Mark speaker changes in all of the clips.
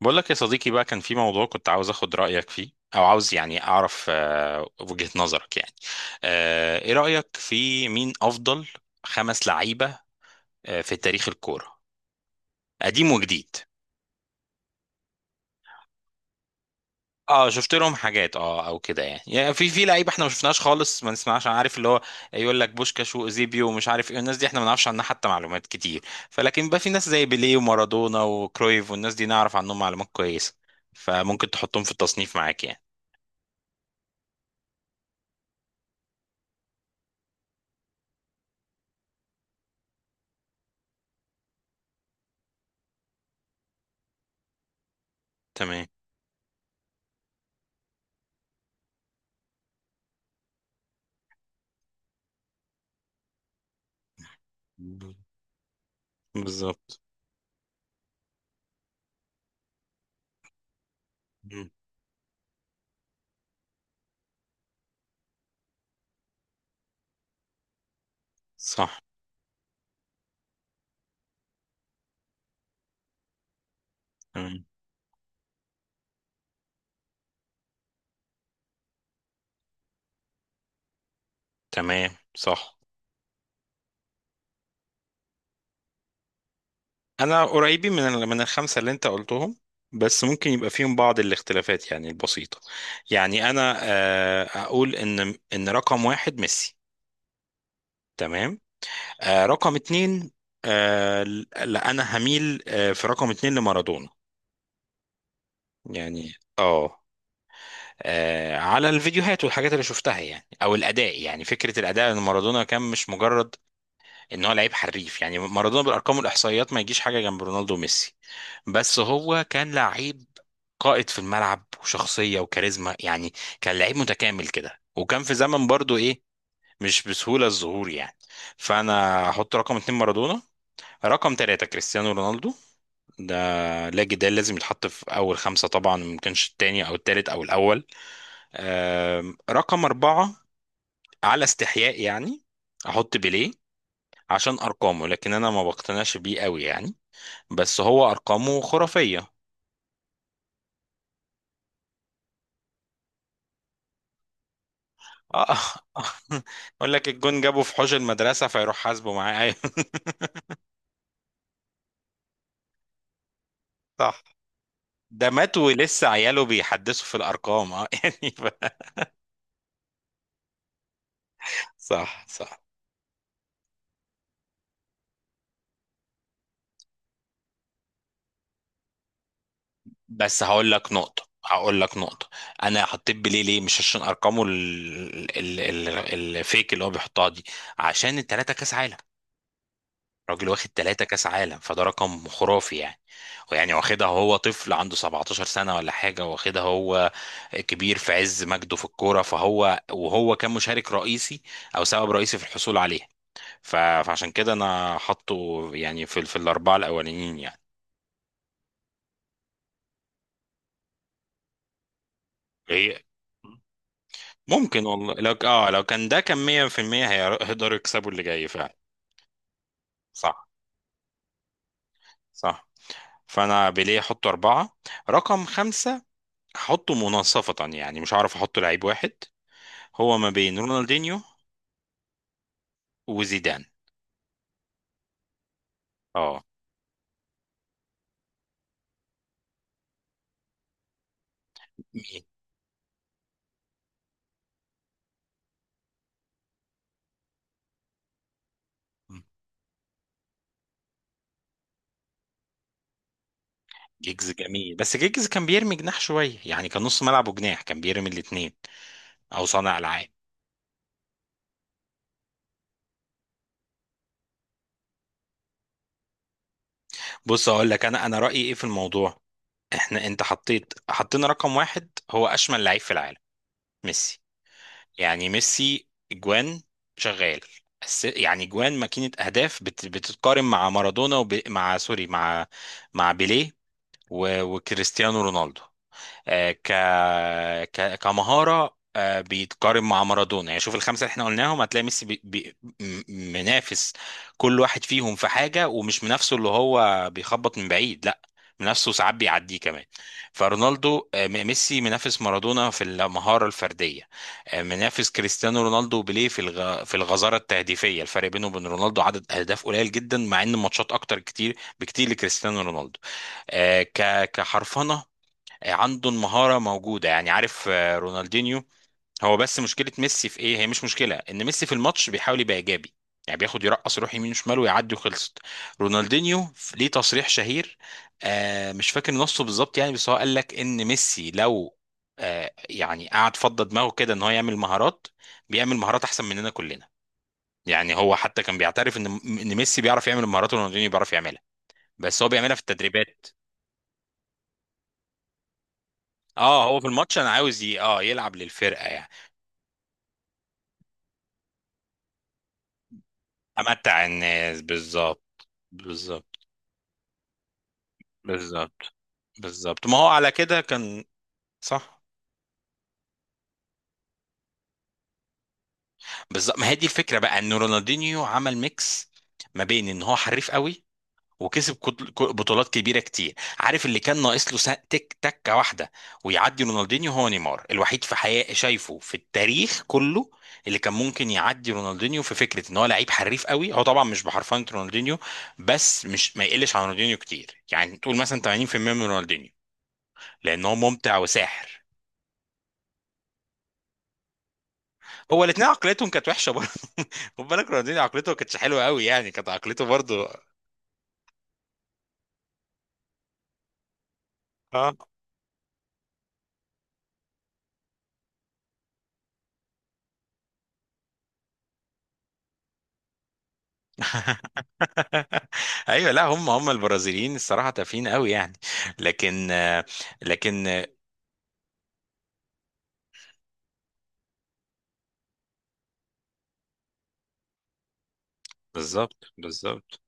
Speaker 1: بقول لك يا صديقي بقى، كان في موضوع كنت عاوز اخد رأيك فيه. او عاوز اعرف وجهة نظرك. ايه رأيك في مين افضل خمس لعيبة في تاريخ الكورة، قديم وجديد؟ اه، شفت لهم حاجات، اه او كده. يعني في لعيبه احنا ما شفناش خالص، ما نسمعش. أنا عارف اللي هو يقول لك بوشكاش واوزيبيو ومش عارف ايه، الناس دي احنا ما نعرفش عنها حتى معلومات كتير. فلكن بقى في ناس زي بيليه ومارادونا وكرويف، والناس دي نعرف عنهم معلومات كويسه، فممكن تحطهم في التصنيف معاك يعني. تمام. بالظبط. مم. صح. تمام. تمام، صح. انا قريبين من من الخمسه اللي انت قلتهم، بس ممكن يبقى فيهم بعض الاختلافات يعني البسيطه. يعني انا اقول ان رقم واحد ميسي. تمام. رقم اتنين، آه، لا انا هميل في رقم اتنين لمارادونا. يعني اه، على الفيديوهات والحاجات اللي شفتها يعني، او الاداء. يعني فكره الاداء، ان مارادونا كان مش مجرد ان هو لعيب حريف. يعني مارادونا بالارقام والاحصائيات ما يجيش حاجه جنب رونالدو وميسي، بس هو كان لعيب قائد في الملعب، وشخصيه وكاريزما يعني. كان لعيب متكامل كده، وكان في زمن برضو ايه، مش بسهوله الظهور يعني. فانا هحط رقم اتنين مارادونا. رقم تلاتة كريستيانو رونالدو، ده لا جدال، لازم يتحط في أول خمسة، طبعا ممكنش التاني أو التالت أو الأول. رقم أربعة، على استحياء يعني، أحط بيليه عشان أرقامه، لكن أنا ما بقتنعش بيه قوي يعني، بس هو ارقامه خرافيه. اه. يقول لك الجون جابه في حوش المدرسه، فيروح حاسبه معاه، ايوه. صح. ده مات ولسه عياله بيحدثوا في الارقام، اه يعني صح، صح. بس هقول لك نقطه، هقول لك نقطه. انا حطيت بيليه ليه؟ مش عشان ارقامه الفيك اللي هو بيحطها دي، عشان التلاته كاس عالم. راجل واخد ثلاثة كاس عالم، فده رقم خرافي يعني. ويعني واخدها هو طفل عنده 17 سنة ولا حاجة، واخدها هو كبير في عز مجده في الكورة، فهو وهو كان مشارك رئيسي او سبب رئيسي في الحصول عليها. فعشان كده انا حاطه يعني في في الاربعة الاولانيين يعني. إيه؟ ممكن والله، لو اه لو كان ده كان 100% هيقدروا يكسبوا اللي جاي فعلا. صح، صح. فانا بيليه احطه اربعة. رقم خمسة هحطه مناصفة، يعني مش هعرف احط لعيب واحد، هو ما بين رونالدينيو وزيدان. اه. مين؟ جيجز جميل، بس جيجز كان بيرمي جناح شوية، يعني كان نص ملعب وجناح، كان بيرمي الاتنين او صانع العاب. بص اقول لك انا، رأيي ايه في الموضوع. احنا انت حطيت، حطينا رقم واحد هو اشمل لعيب في العالم ميسي. يعني ميسي جوان شغال، يعني جوان ماكينة اهداف، بتتقارن مع مارادونا، مع سوري، مع مع بيليه وكريستيانو رونالدو. آه، ك... كمهارة بيتقارن مع مارادونا. يعني شوف الخمسة اللي احنا قلناهم، هتلاقي ميسي منافس كل واحد فيهم في حاجة. ومش منافسه اللي هو بيخبط من بعيد، لا، منافسه ساعات بيعديه كمان. فرونالدو، ميسي منافس مارادونا في المهارة الفردية، منافس كريستيانو رونالدو وبيليه في في الغزارة التهديفية. الفرق بينه وبين رونالدو عدد أهداف قليل جدا، مع إن ماتشات أكتر كتير بكتير لكريستيانو رونالدو. كحرفنة عنده المهارة موجودة، يعني عارف رونالدينيو. هو بس مشكلة ميسي في ايه؟ هي مش مشكلة، ان ميسي في الماتش بيحاول يبقى ايجابي، يعني بياخد يرقص، يروح يمين وشمال ويعدي وخلصت. رونالدينيو ليه تصريح شهير، آه مش فاكر نصه بالظبط يعني، بس هو قال لك ان ميسي لو آه يعني قعد فضى دماغه كده ان هو يعمل مهارات، بيعمل مهارات احسن مننا كلنا. يعني هو حتى كان بيعترف ان ميسي بيعرف يعمل المهارات، ورونالدينيو بيعرف يعملها، بس هو بيعملها في التدريبات. اه، هو في الماتش انا عاوز اه يلعب للفرقة يعني. امتع الناس. بالظبط، بالظبط، بالظبط، بالظبط ما هو على كده كان. صح. بالظبط، ما هي دي الفكره بقى، ان رونالدينيو عمل ميكس ما بين ان هو حريف قوي، وكسب بطولات كبيره كتير. عارف اللي كان ناقص له؟ تك، تكه واحده، ويعدي رونالدينيو. هو نيمار الوحيد في حياة شايفه في التاريخ كله، اللي كان ممكن يعدي رونالدينيو في فكره ان هو لعيب حريف قوي. هو طبعا مش بحرفنه رونالدينيو، بس مش ما يقلش عن رونالدينيو كتير، يعني تقول مثلا 80% من رونالدينيو، لان هو ممتع وساحر. هو الاثنين عقليتهم كانت وحشه برضه. خد بالك، رونالدينيو عقليته ما كانتش حلوه قوي يعني، كانت عقليته برضه. اه ايوه، لا هم، هم البرازيليين الصراحه تافهين قوي يعني. لكن لكن بالظبط، بالظبط.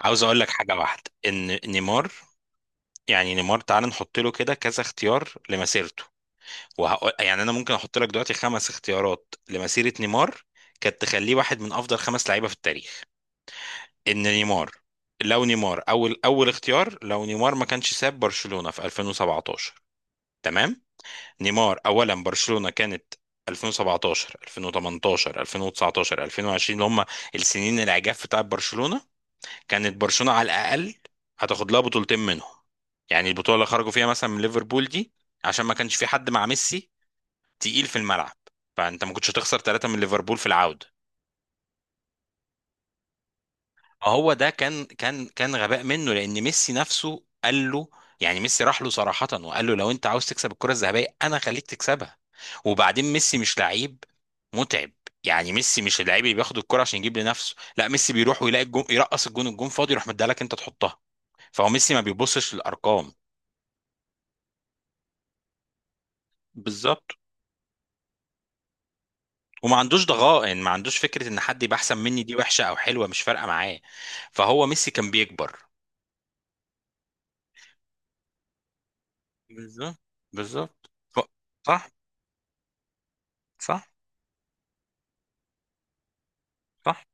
Speaker 1: عاوز اقول لك حاجه واحده، ان نيمار، يعني نيمار تعال نحط له كده كذا اختيار لمسيرته، وهقول يعني. انا ممكن احط لك دلوقتي خمس اختيارات لمسيره نيمار كانت تخليه واحد من افضل خمس لعيبه في التاريخ. ان نيمار، لو نيمار اول اول اختيار، لو نيمار ما كانش ساب برشلونة في 2017. تمام. نيمار، اولا برشلونة كانت 2017، 2018، 2019، 2020، اللي هم السنين العجاف بتاع برشلونة. كانت برشلونة على الاقل هتاخد لها بطولتين منهم، يعني البطولة اللي خرجوا فيها مثلا من ليفربول دي، عشان ما كانش في حد مع ميسي تقيل في الملعب. فانت ما كنتش هتخسر ثلاثة من ليفربول في العودة. هو ده كان غباء منه، لان ميسي نفسه قال له، يعني ميسي راح له صراحة وقال له لو انت عاوز تكسب الكرة الذهبية انا خليك تكسبها. وبعدين ميسي مش لعيب متعب، يعني ميسي مش اللعيب اللي بياخد الكرة عشان يجيب لنفسه، لا ميسي بيروح ويلاقي الجون يرقص، الجون الجون فاضي يروح مديها لك انت تحطها. فهو ميسي ما بيبصش للارقام. بالظبط. وما عندوش ضغائن، ما عندوش فكرة ان حد يبقى احسن مني دي وحشة او حلوة مش فارقة معاه. فهو ميسي كان بيكبر. بالظبط، بالظبط. صح، صح، صح.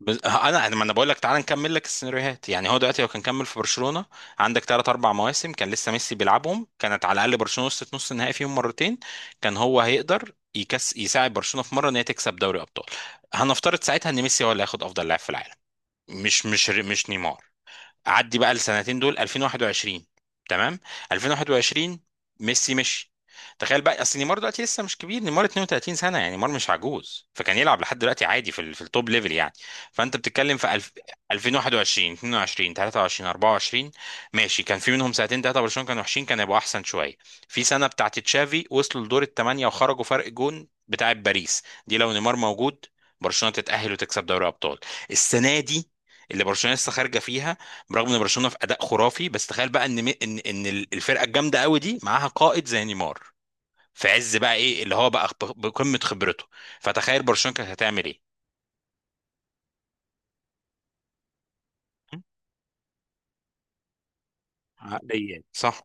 Speaker 1: بز... انا انا يعني، ما انا بقول لك تعال نكمل لك السيناريوهات. يعني هو دلوقتي لو كان كمل في برشلونه، عندك ثلاث اربع مواسم كان لسه ميسي بيلعبهم. كانت على الاقل برشلونه وصلت نص النهائي فيهم مرتين. كان هو هيقدر يساعد برشلونه في مره ان هي تكسب دوري ابطال. هنفترض ساعتها ان ميسي هو اللي هياخد افضل لاعب في العالم، مش نيمار. عدي بقى السنتين دول 2021. تمام. 2021 ميسي مشي. تخيل بقى، اصل نيمار دلوقتي لسه مش كبير، نيمار 32 سنه، يعني نيمار مش عجوز، فكان يلعب لحد دلوقتي عادي في في التوب ليفل يعني. فانت بتتكلم في 2021، 22، 23، 24. ماشي، كان في منهم سنتين ثلاثه برشلونه كانوا وحشين، كان يبقوا احسن شويه. في سنه بتاعت تشافي وصلوا لدور الثمانيه وخرجوا فرق جون بتاعت باريس دي، لو نيمار موجود برشلونه تتاهل وتكسب دوري ابطال. السنه دي اللي برشلونه لسه خارجه فيها، برغم ان برشلونه في اداء خرافي، بس تخيل بقى ان الفرقه الجامده قوي دي معاها قائد زي نيمار، في عز بقى ايه، اللي هو بقى بقمه خبرته، فتخيل برشلونه كانت هتعمل ايه. عقليات، صح.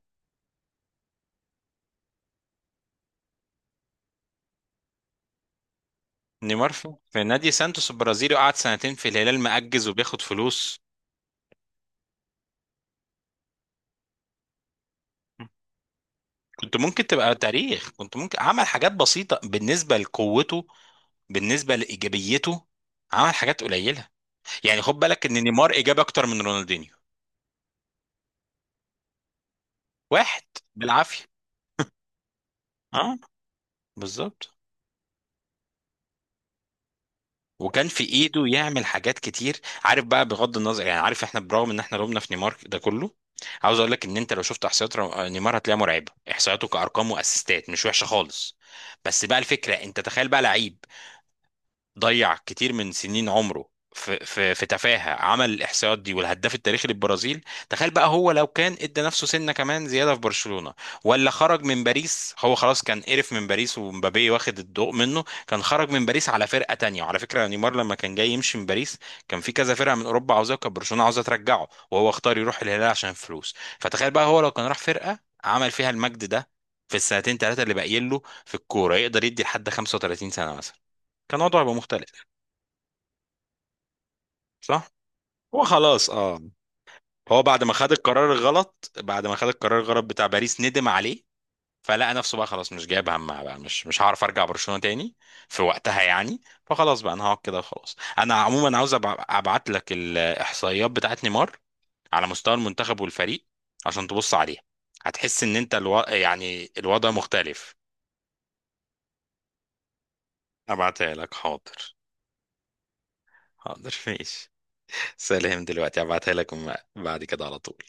Speaker 1: نيمار في في نادي سانتوس البرازيلي، وقعد سنتين في الهلال مأجز وبياخد فلوس. كنت ممكن تبقى تاريخ، كنت ممكن عمل حاجات بسيطة بالنسبة لقوته، بالنسبة لإيجابيته، عمل حاجات قليلة. يعني خد بالك إن نيمار إيجابي أكتر من رونالدينيو. واحد بالعافية. اه، بالظبط. وكان في ايده يعمل حاجات كتير، عارف بقى، بغض النظر يعني، عارف احنا برغم ان احنا لومنا في نيمار ده كله، عاوز اقول لك ان انت لو شفت احصائيات نيمار هتلاقيها مرعبه، احصائياته كارقام واسيستات مش وحشه خالص. بس بقى الفكره انت تخيل بقى لعيب ضيع كتير من سنين عمره في في تفاهه، عمل الاحصائيات دي والهداف التاريخي للبرازيل. تخيل بقى هو لو كان ادى نفسه سنه كمان زياده في برشلونه، ولا خرج من باريس. هو خلاص كان قرف من باريس، ومبابي واخد الضوء منه، كان خرج من باريس على فرقه تانية. وعلى فكره نيمار لما كان جاي يمشي من باريس كان في كذا فرقه من اوروبا عاوزاه، كان برشلونه عاوزاه ترجعه، وهو اختار يروح الهلال عشان الفلوس. فتخيل بقى هو لو كان راح فرقه عمل فيها المجد ده في السنتين ثلاثه اللي باقيين له في الكوره، يقدر يدي لحد 35 سنه مثلا، كان وضعه يبقى مختلف. صح، هو خلاص اه، هو بعد ما خد القرار الغلط، بعد ما خد القرار الغلط بتاع باريس ندم عليه، فلقى نفسه بقى خلاص مش جايب همها بقى، مش مش هعرف ارجع برشلونة تاني في وقتها يعني، فخلاص بقى انا هقعد كده وخلاص. انا عموما عاوز ابعت لك الاحصائيات بتاعت نيمار على مستوى المنتخب والفريق، عشان تبص عليها، هتحس ان انت يعني الوضع مختلف. ابعتها لك، حاضر. حاضر، ماشي. سلام، دلوقتي ابعتها لك، بعد كده على طول.